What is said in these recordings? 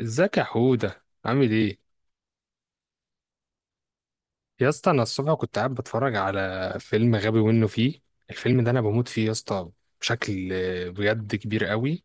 ازيك يا حودة عامل ايه؟ يا اسطى انا الصبح كنت قاعد بتفرج على فيلم غبي منه فيه. الفيلم ده انا بموت فيه يا اسطى، بشكل بجد كبير قوي.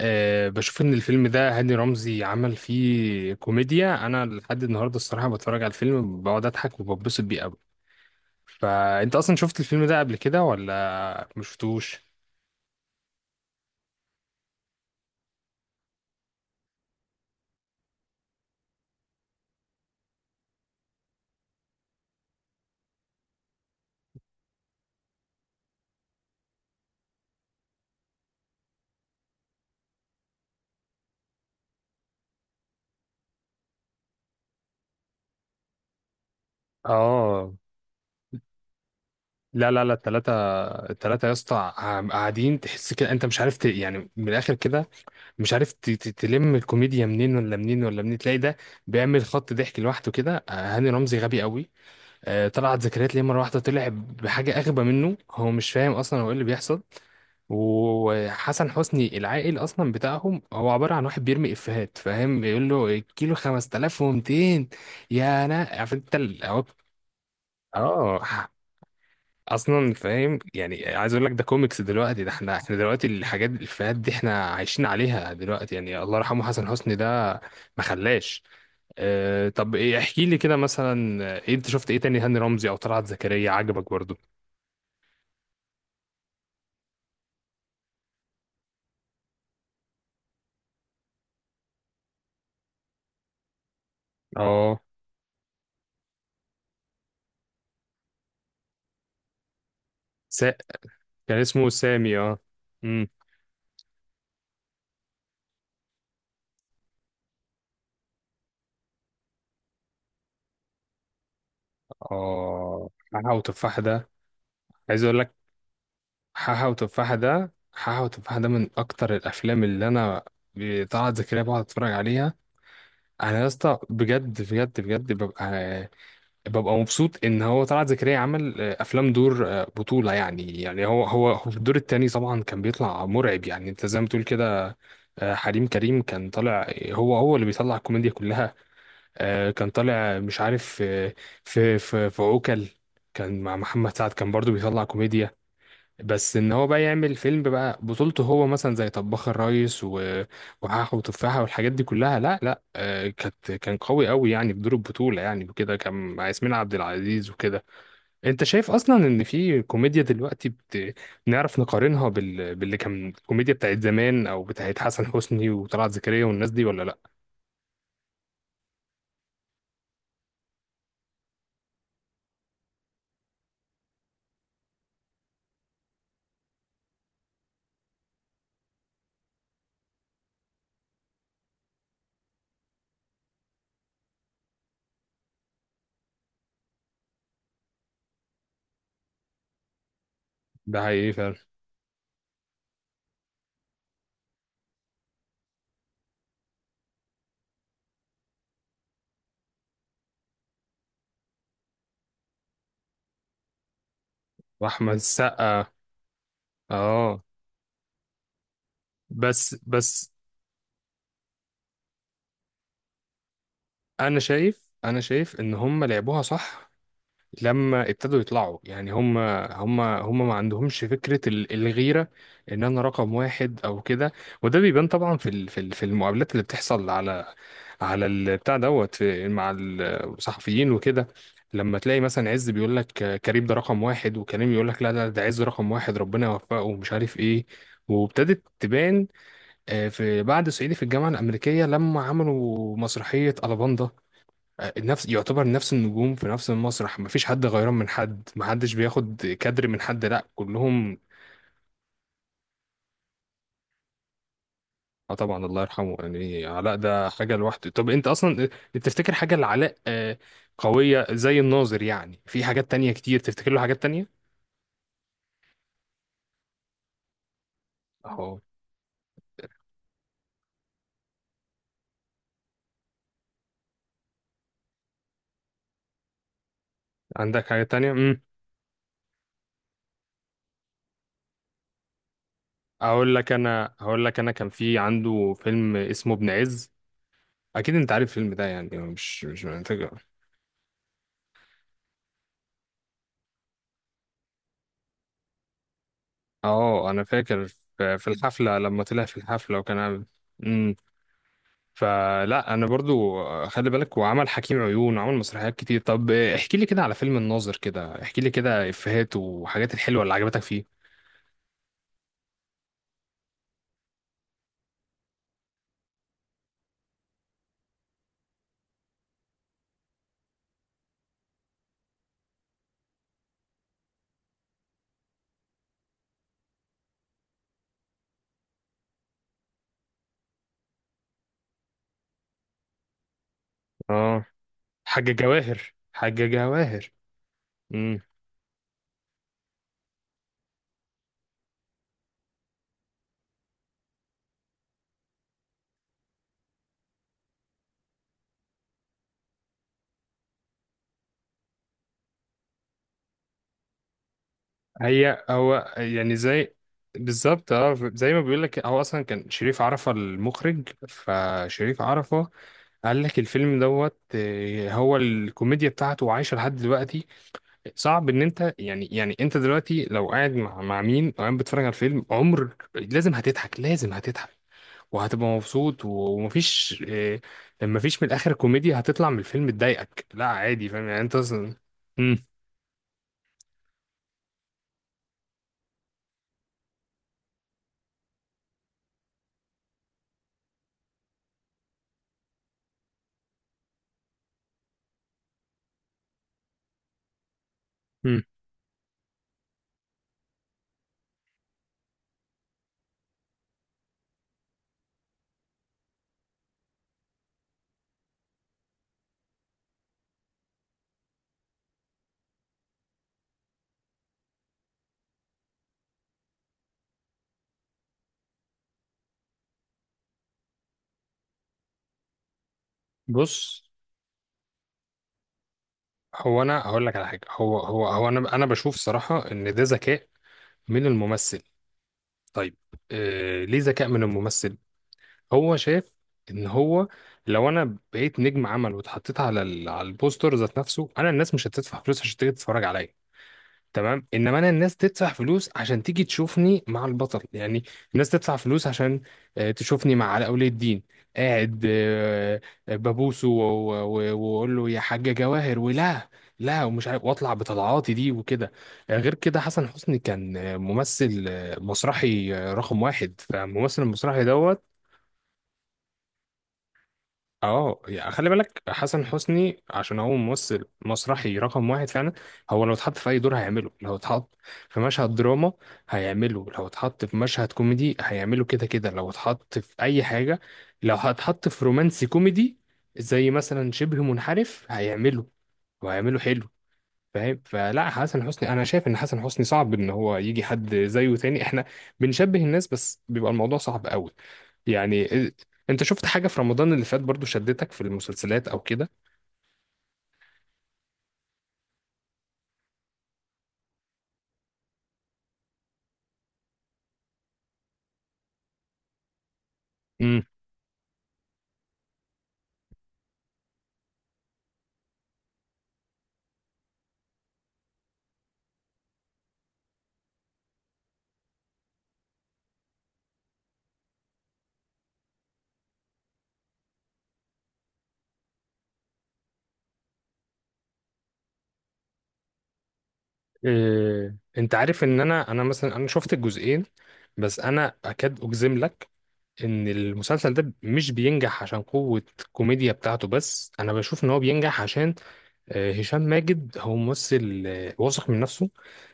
بشوف ان الفيلم ده هاني رمزي عمل فيه كوميديا، انا لحد النهارده الصراحه بتفرج على الفيلم بقعد اضحك وببسط بيه قوي. فانت اصلا شفت الفيلم ده قبل كده ولا مشفتوش؟ اه، لا لا لا، التلاتة يا اسطى، قاعدين، تحس كده انت مش عارف يعني من الاخر كده مش عارف تلم الكوميديا منين ولا منين ولا منين، تلاقي ده بيعمل خط ضحك لوحده كده. هاني رمزي غبي قوي، طلعت زكريا ليه مرة واحدة طلع بحاجة أغبى منه، هو مش فاهم أصلا هو إيه اللي بيحصل. وحسن حسني العائل أصلا بتاعهم، هو عبارة عن واحد بيرمي إفيهات، فاهم، بيقول له الكيلو 5200 يا أنا عارف أنت اه. اصلا فاهم، يعني عايز اقول لك ده كوميكس دلوقتي، ده احنا دلوقتي الحاجات الافيهات دي احنا عايشين عليها دلوقتي، يعني الله يرحمه حسن حسني ده ما خلاش. اه طب ايه، احكي لي كده مثلا، ايه انت شفت ايه تاني هاني رمزي او طلعت زكريا عجبك برضو؟ اه. سا... كان اسمه سامي، اه. امم اه، حاحة وتفاحة ده، عايز اقول لك، حاحة وتفاحة ده من اكتر الافلام اللي انا طلعت زكريا بقعد اتفرج عليها. انا يا اسطى بجد بجد بجد ببقى مبسوط ان هو طلعت زكريا عمل افلام، دور بطولة، يعني يعني هو في الدور التاني طبعا كان بيطلع مرعب، يعني انت زي ما تقول كده. حريم كريم كان طالع هو هو اللي بيطلع الكوميديا كلها، كان طالع مش عارف، في عوكل كان مع محمد سعد كان برضو بيطلع كوميديا. بس ان هو بقى يعمل فيلم بقى بطولته هو، مثلا زي طباخ الريس وحاح وتفاحة والحاجات دي كلها، لا لا، كانت كان قوي قوي يعني في دور البطولة، يعني وكده كان مع ياسمين عبد العزيز وكده. انت شايف اصلا ان في كوميديا دلوقتي نعرف نقارنها باللي كان الكوميديا بتاعت زمان او بتاعت حسن حسني وطلعت زكريا والناس دي ولا لا؟ ده حقيقي فعلا. واحمد السقا، اه. بس بس انا شايف، ان هم لعبوها صح. لما ابتدوا يطلعوا، يعني هم ما عندهمش فكرة الغيرة، ان انا رقم واحد او كده. وده بيبان طبعا في المقابلات اللي بتحصل على على البتاع دوت مع الصحفيين وكده، لما تلاقي مثلا عز بيقول لك كريم ده رقم واحد، وكريم يقول لك لا لا، ده عز رقم واحد، ربنا يوفقه ومش عارف ايه. وابتدت تبان، في بعد صعيدي في الجامعة الأمريكية لما عملوا مسرحية ألاباندا، نفس يعتبر نفس النجوم في نفس المسرح، مفيش حد غيران من حد، محدش بياخد كادر من حد، لا كلهم. اه طبعا الله يرحمه، يعني علاء ده حاجة لوحده. طب انت اصلا تفتكر حاجة لعلاء قوية زي الناظر؟ يعني في حاجات تانية كتير تفتكر له حاجات تانية؟ اهو. عندك حاجة تانية؟ اقول لك، انا هقول لك انا كان في عنده فيلم اسمه ابن عز، اكيد انت عارف الفيلم ده يعني مش مش محتاج. اه انا فاكر، في الحفلة لما طلع في الحفلة وكان مم. فلا انا برضو خلي بالك وعمل حكيم عيون وعمل مسرحيات كتير. طب احكي لي كده على فيلم الناظر، كده احكي لي كده افيهات وحاجات الحلوه اللي عجبتك فيه. اه، حاجة جواهر، حاجة جواهر. امم. هي هو يعني زي، بالظبط اه، زي ما بيقول لك هو اصلا كان شريف عرفة المخرج، فشريف عرفة قال لك الفيلم دوت، هو الكوميديا بتاعته عايشة لحد دلوقتي. صعب ان انت يعني، يعني انت دلوقتي لو قاعد مع مين، او قاعد بتتفرج على الفيلم عمر، لازم هتضحك، لازم هتضحك وهتبقى مبسوط ومفيش إيه، مفيش من الاخر كوميديا هتطلع من الفيلم تضايقك، لا عادي، فاهم يعني، انت اصلا. مم. مم. بص، هو انا هقول لك على حاجه، هو انا بشوف صراحه ان ده ذكاء من الممثل. طيب إيه ليه ذكاء من الممثل؟ هو شايف ان هو لو انا بقيت نجم عمل واتحطيت على البوستر ذات نفسه انا، الناس مش هتدفع فلوس عشان تيجي تتفرج عليا، تمام؟ انما انا الناس تدفع فلوس عشان تيجي تشوفني مع البطل، يعني الناس تدفع فلوس عشان تشوفني مع علاء ولي الدين قاعد ببوسه واقول له يا حاجة جواهر، ولا لا، ومش عارف، واطلع بطلعاتي دي وكده. غير كده حسن حسني كان ممثل مسرحي رقم واحد، فالممثل المسرحي دوت. اه يعني خلي بالك، حسن حسني عشان هو ممثل مسرحي رقم واحد فعلا، هو لو اتحط في اي دور هيعمله، لو اتحط في مشهد دراما هيعمله، لو اتحط في مشهد كوميدي هيعمله، كده كده لو اتحط في اي حاجة، لو هتحط في رومانسي كوميدي زي مثلا شبه منحرف هيعمله وهيعمله حلو، فاهم. فلا حسن حسني انا شايف ان حسن حسني صعب ان هو يجي حد زيه تاني، احنا بنشبه الناس بس بيبقى الموضوع صعب قوي. يعني انت شفت حاجة في رمضان اللي فات برضو شدتك في المسلسلات او كده؟ امم. إيه، انت عارف ان انا انا مثلا انا شفت الجزئين، بس انا اكاد اجزم لك ان المسلسل ده مش بينجح عشان قوة الكوميديا بتاعته بس، انا بشوف ان هو بينجح عشان هشام ماجد هو ممثل واثق من نفسه.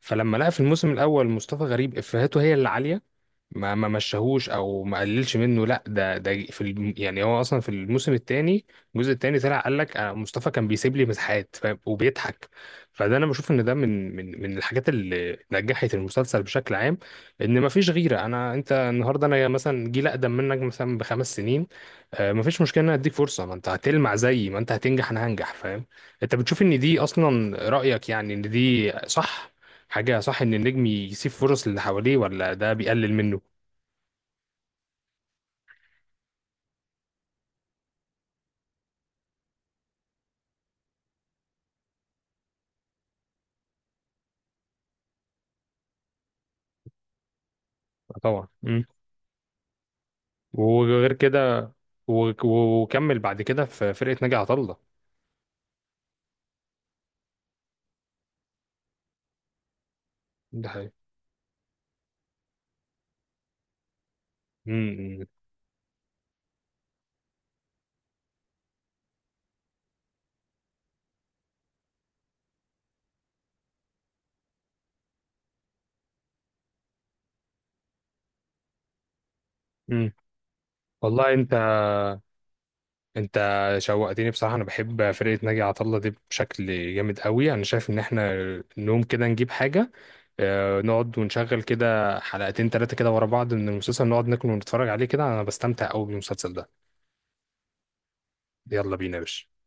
فلما لقى في الموسم الاول مصطفى غريب افهاته هي اللي عاليه، ما ما مشاهوش او ما قللش منه، لا ده ده يعني هو اصلا في الموسم الثاني، الجزء الثاني طلع قال لك مصطفى كان بيسيب لي مساحات، فاهم؟ وبيضحك. فده انا بشوف ان ده من الحاجات اللي نجحت المسلسل بشكل عام، ان ما فيش غيره. انا انت النهارده، انا مثلا جيل اقدم منك مثلا بخمس سنين، ما فيش مشكله ان أنا اديك فرصه، ما انت هتلمع زيي، ما انت هتنجح انا هنجح، فاهم. انت بتشوف ان دي اصلا رأيك، يعني ان دي صح؟ حاجة صح ان النجم يسيب فرص للي حواليه، ولا ده بيقلل منه؟ طبعا. مم. وغير كده وكمل بعد كده في فرقة ناجي عطا الله. ده حقيقي. مم. مم. والله انت، انت شوقتني بصراحة، انا بحب فرقة ناجي عطا الله دي بشكل جامد قوي. انا شايف ان احنا نقوم كده نجيب حاجة، اه، نقعد ونشغل كده حلقتين ثلاثة كده ورا بعض من المسلسل، نقعد ناكل ونتفرج عليه كده، انا بستمتع قوي بالمسلسل ده. يلا بينا يا باشا.